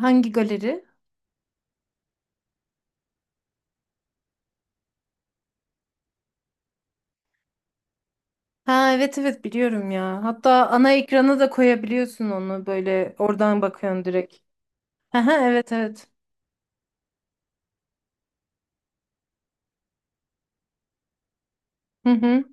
Hangi galeri? Ha, evet evet, biliyorum ya. Hatta ana ekrana da koyabiliyorsun onu, böyle oradan bakıyorsun direkt. Ha evet evet. Hı hı.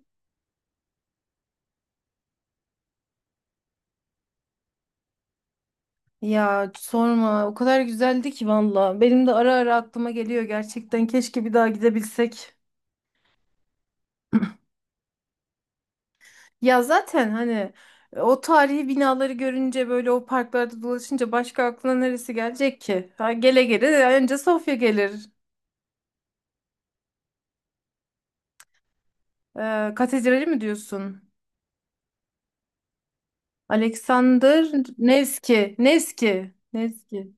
Ya sorma, o kadar güzeldi ki valla. Benim de ara ara aklıma geliyor gerçekten. Keşke bir daha gidebilsek. Ya zaten hani o tarihi binaları görünce, böyle o parklarda dolaşınca başka aklına neresi gelecek ki? Ha, gele gele önce Sofya gelir. Katedrali mi diyorsun? Alexander Nevski. Nevski. Nevski.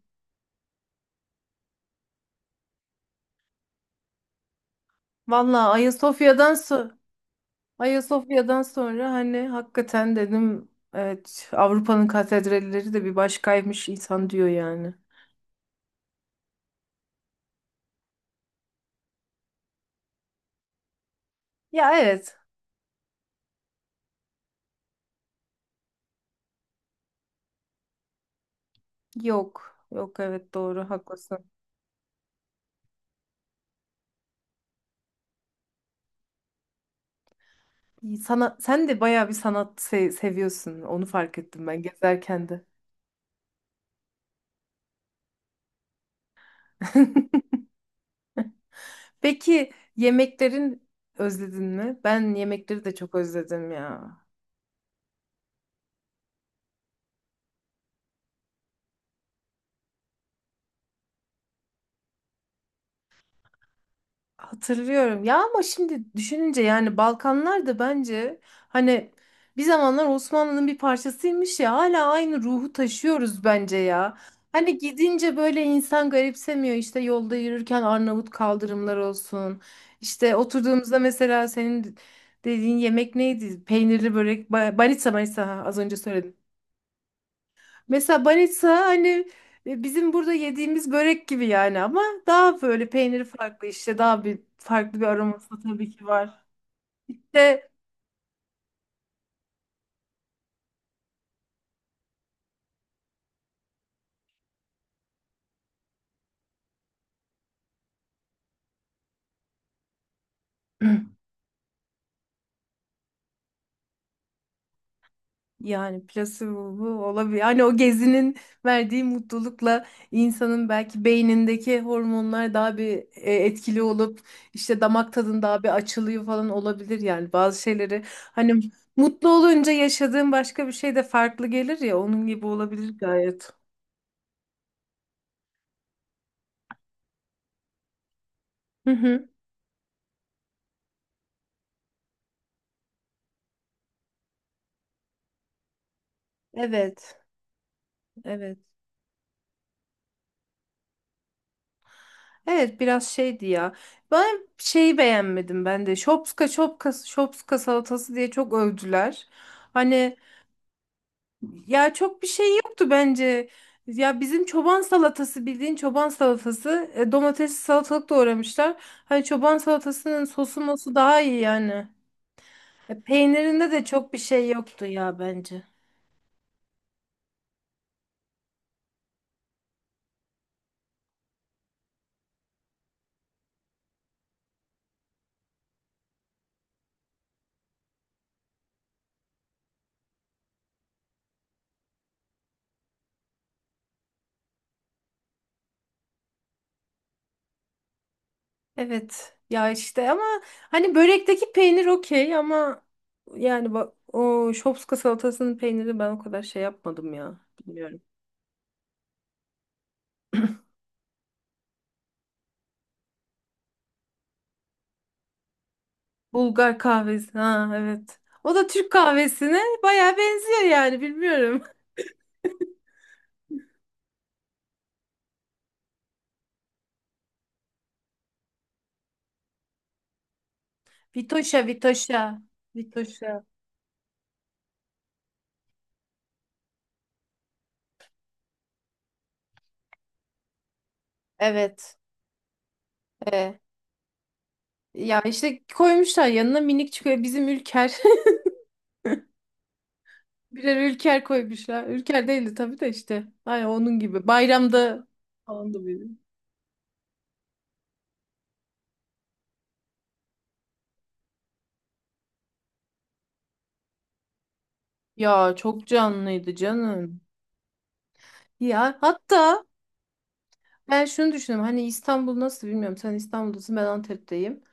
Valla Ayasofya'dan Ayasofya'dan sonra hani hakikaten dedim evet, Avrupa'nın katedralleri de bir başkaymış insan diyor yani. Ya evet. Yok. Yok, evet, doğru, haklısın. Sana sen de bayağı bir sanat seviyorsun. Onu fark ettim ben gezerken de. Peki, yemeklerin özledin mi? Ben yemekleri de çok özledim ya. Hatırlıyorum ya, ama şimdi düşününce yani Balkanlar da bence hani bir zamanlar Osmanlı'nın bir parçasıymış ya, hala aynı ruhu taşıyoruz bence ya. Hani gidince böyle insan garipsemiyor, işte yolda yürürken Arnavut kaldırımlar olsun. İşte oturduğumuzda mesela senin dediğin yemek neydi? Peynirli börek, banitsa banitsa, ha, az önce söyledim. Mesela banitsa hani bizim burada yediğimiz börek gibi yani, ama daha böyle peyniri farklı, işte daha bir farklı bir aroması tabii ki var. İşte yani plasebo olabilir. Hani o gezinin verdiği mutlulukla insanın belki beynindeki hormonlar daha bir etkili olup işte damak tadın daha bir açılıyor falan, olabilir yani bazı şeyleri. Hani mutlu olunca yaşadığın başka bir şey de farklı gelir ya, onun gibi olabilir gayet. Hı hı. Evet. Evet. Evet, biraz şeydi ya. Ben şeyi beğenmedim ben de. Şopska şopka şopska salatası diye çok övdüler. Hani ya çok bir şey yoktu bence. Ya bizim çoban salatası, bildiğin çoban salatası. E, domatesli salatalık doğramışlar. Hani çoban salatasının sosu mosu daha iyi yani. E, peynirinde de çok bir şey yoktu ya bence. Evet ya işte, ama hani börekteki peynir okey, ama yani bak o şopska salatasının peyniri ben o kadar şey yapmadım ya, bilmiyorum. Bulgar kahvesi, ha evet. O da Türk kahvesine baya benziyor yani, bilmiyorum. Vitoşa, Vitoşa, Vitoşa. Evet. E, ya işte koymuşlar yanına, minik çıkıyor bizim Ülker. Birer Ülker koymuşlar. Ülker değildi tabii de işte. Ay, onun gibi. Bayramda falan da. Ya çok canlıydı canım. Ya hatta ben şunu düşünüyorum. Hani İstanbul nasıl bilmiyorum. Sen İstanbul'dasın, ben Antep'teyim.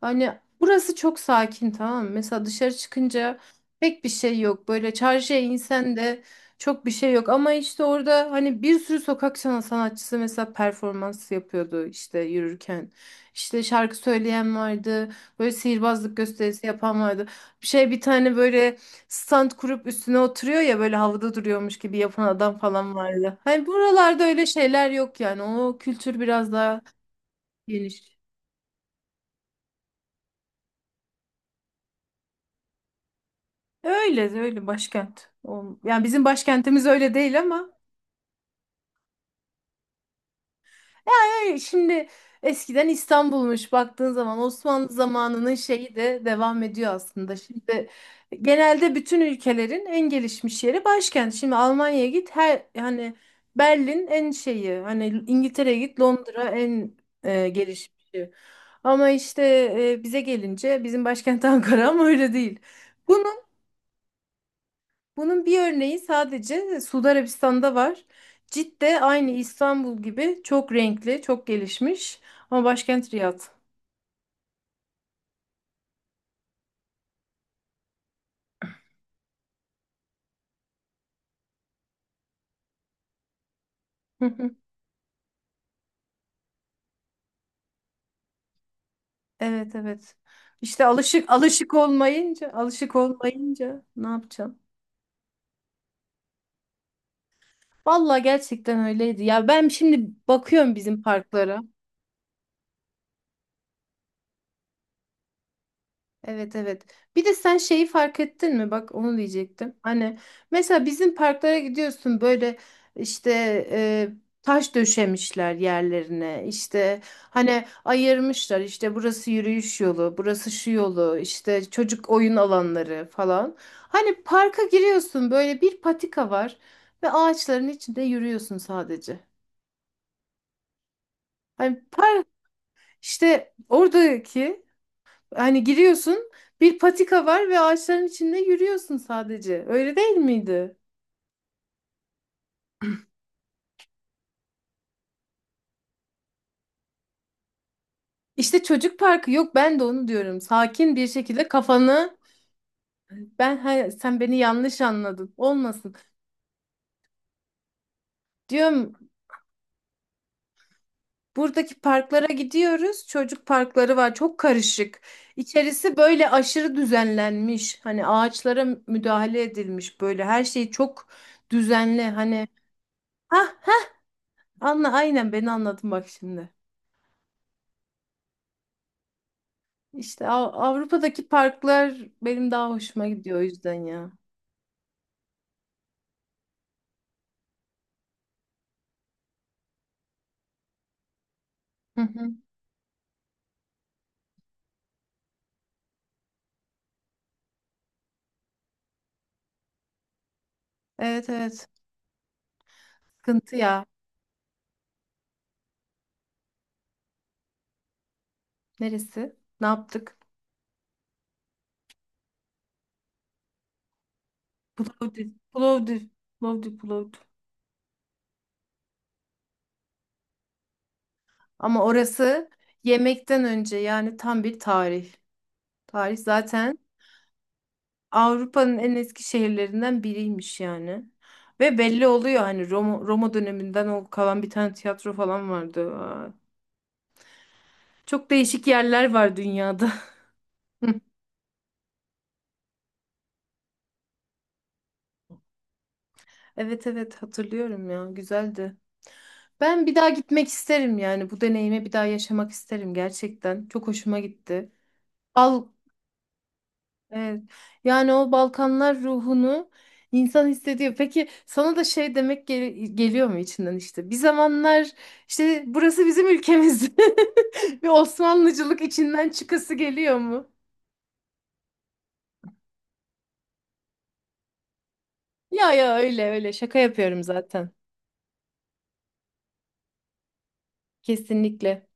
Hani burası çok sakin, tamam mı? Mesela dışarı çıkınca pek bir şey yok. Böyle çarşıya insen de çok bir şey yok. Ama işte orada hani bir sürü sokak sanatçısı mesela performans yapıyordu işte yürürken. İşte şarkı söyleyen vardı. Böyle sihirbazlık gösterisi yapan vardı. Bir şey, bir tane böyle stand kurup üstüne oturuyor ya, böyle havada duruyormuş gibi yapan adam falan vardı. Hani buralarda öyle şeyler yok yani. O kültür biraz daha geniş. Öyle öyle, başkent. Yani bizim başkentimiz öyle değil, ama hayır, şimdi eskiden İstanbul'muş, baktığın zaman Osmanlı zamanının şeyi de devam ediyor aslında. Şimdi genelde bütün ülkelerin en gelişmiş yeri başkent. Şimdi Almanya'ya git, her yani Berlin en şeyi, hani İngiltere'ye git Londra en gelişmişi. Ama işte bize gelince bizim başkent Ankara, ama öyle değil. Bunu bunun bir örneği sadece Suudi Arabistan'da var. Cidde aynı İstanbul gibi çok renkli, çok gelişmiş, ama başkent Riyad. Hı hı. Evet evet. İşte alışık olmayınca ne yapacaksın? Vallahi gerçekten öyleydi. Ya ben şimdi bakıyorum bizim parklara. Evet evet. Bir de sen şeyi fark ettin mi? Bak onu diyecektim. Hani mesela bizim parklara gidiyorsun böyle işte e, taş döşemişler yerlerine. İşte hani ayırmışlar, işte burası yürüyüş yolu, burası şu yolu, işte çocuk oyun alanları falan. Hani parka giriyorsun, böyle bir patika var ve ağaçların içinde yürüyorsun sadece. Hani park işte oradaki hani giriyorsun, bir patika var ve ağaçların içinde yürüyorsun sadece. Öyle değil miydi? İşte çocuk parkı yok, ben de onu diyorum. Sakin bir şekilde kafanı ben he, sen beni yanlış anladın olmasın. Diyorum buradaki parklara gidiyoruz. Çocuk parkları var, çok karışık. İçerisi böyle aşırı düzenlenmiş. Hani ağaçlara müdahale edilmiş, böyle her şey çok düzenli. Hani ha, anla, aynen beni anladın bak şimdi. İşte Avrupa'daki parklar benim daha hoşuma gidiyor o yüzden ya. Hı hı. Evet evet. Sıkıntı ya. Neresi? Ne yaptık? Plovdiv. Plovdiv. Plovdiv. Plovdiv. Ama orası yemekten önce yani tam bir tarih. Tarih zaten Avrupa'nın en eski şehirlerinden biriymiş yani. Ve belli oluyor hani Roma, Roma döneminden o kalan bir tane tiyatro falan vardı. Aa, çok değişik yerler var dünyada. Evet evet, hatırlıyorum ya, güzeldi. Ben bir daha gitmek isterim yani, bu deneyimi bir daha yaşamak isterim gerçekten. Çok hoşuma gitti. Al, evet. Yani o Balkanlar ruhunu insan hissediyor. Peki sana da şey demek geliyor mu içinden işte? Bir zamanlar işte burası bizim ülkemiz. Bir Osmanlıcılık içinden çıkası geliyor mu? Ya ya öyle öyle, şaka yapıyorum zaten. Kesinlikle.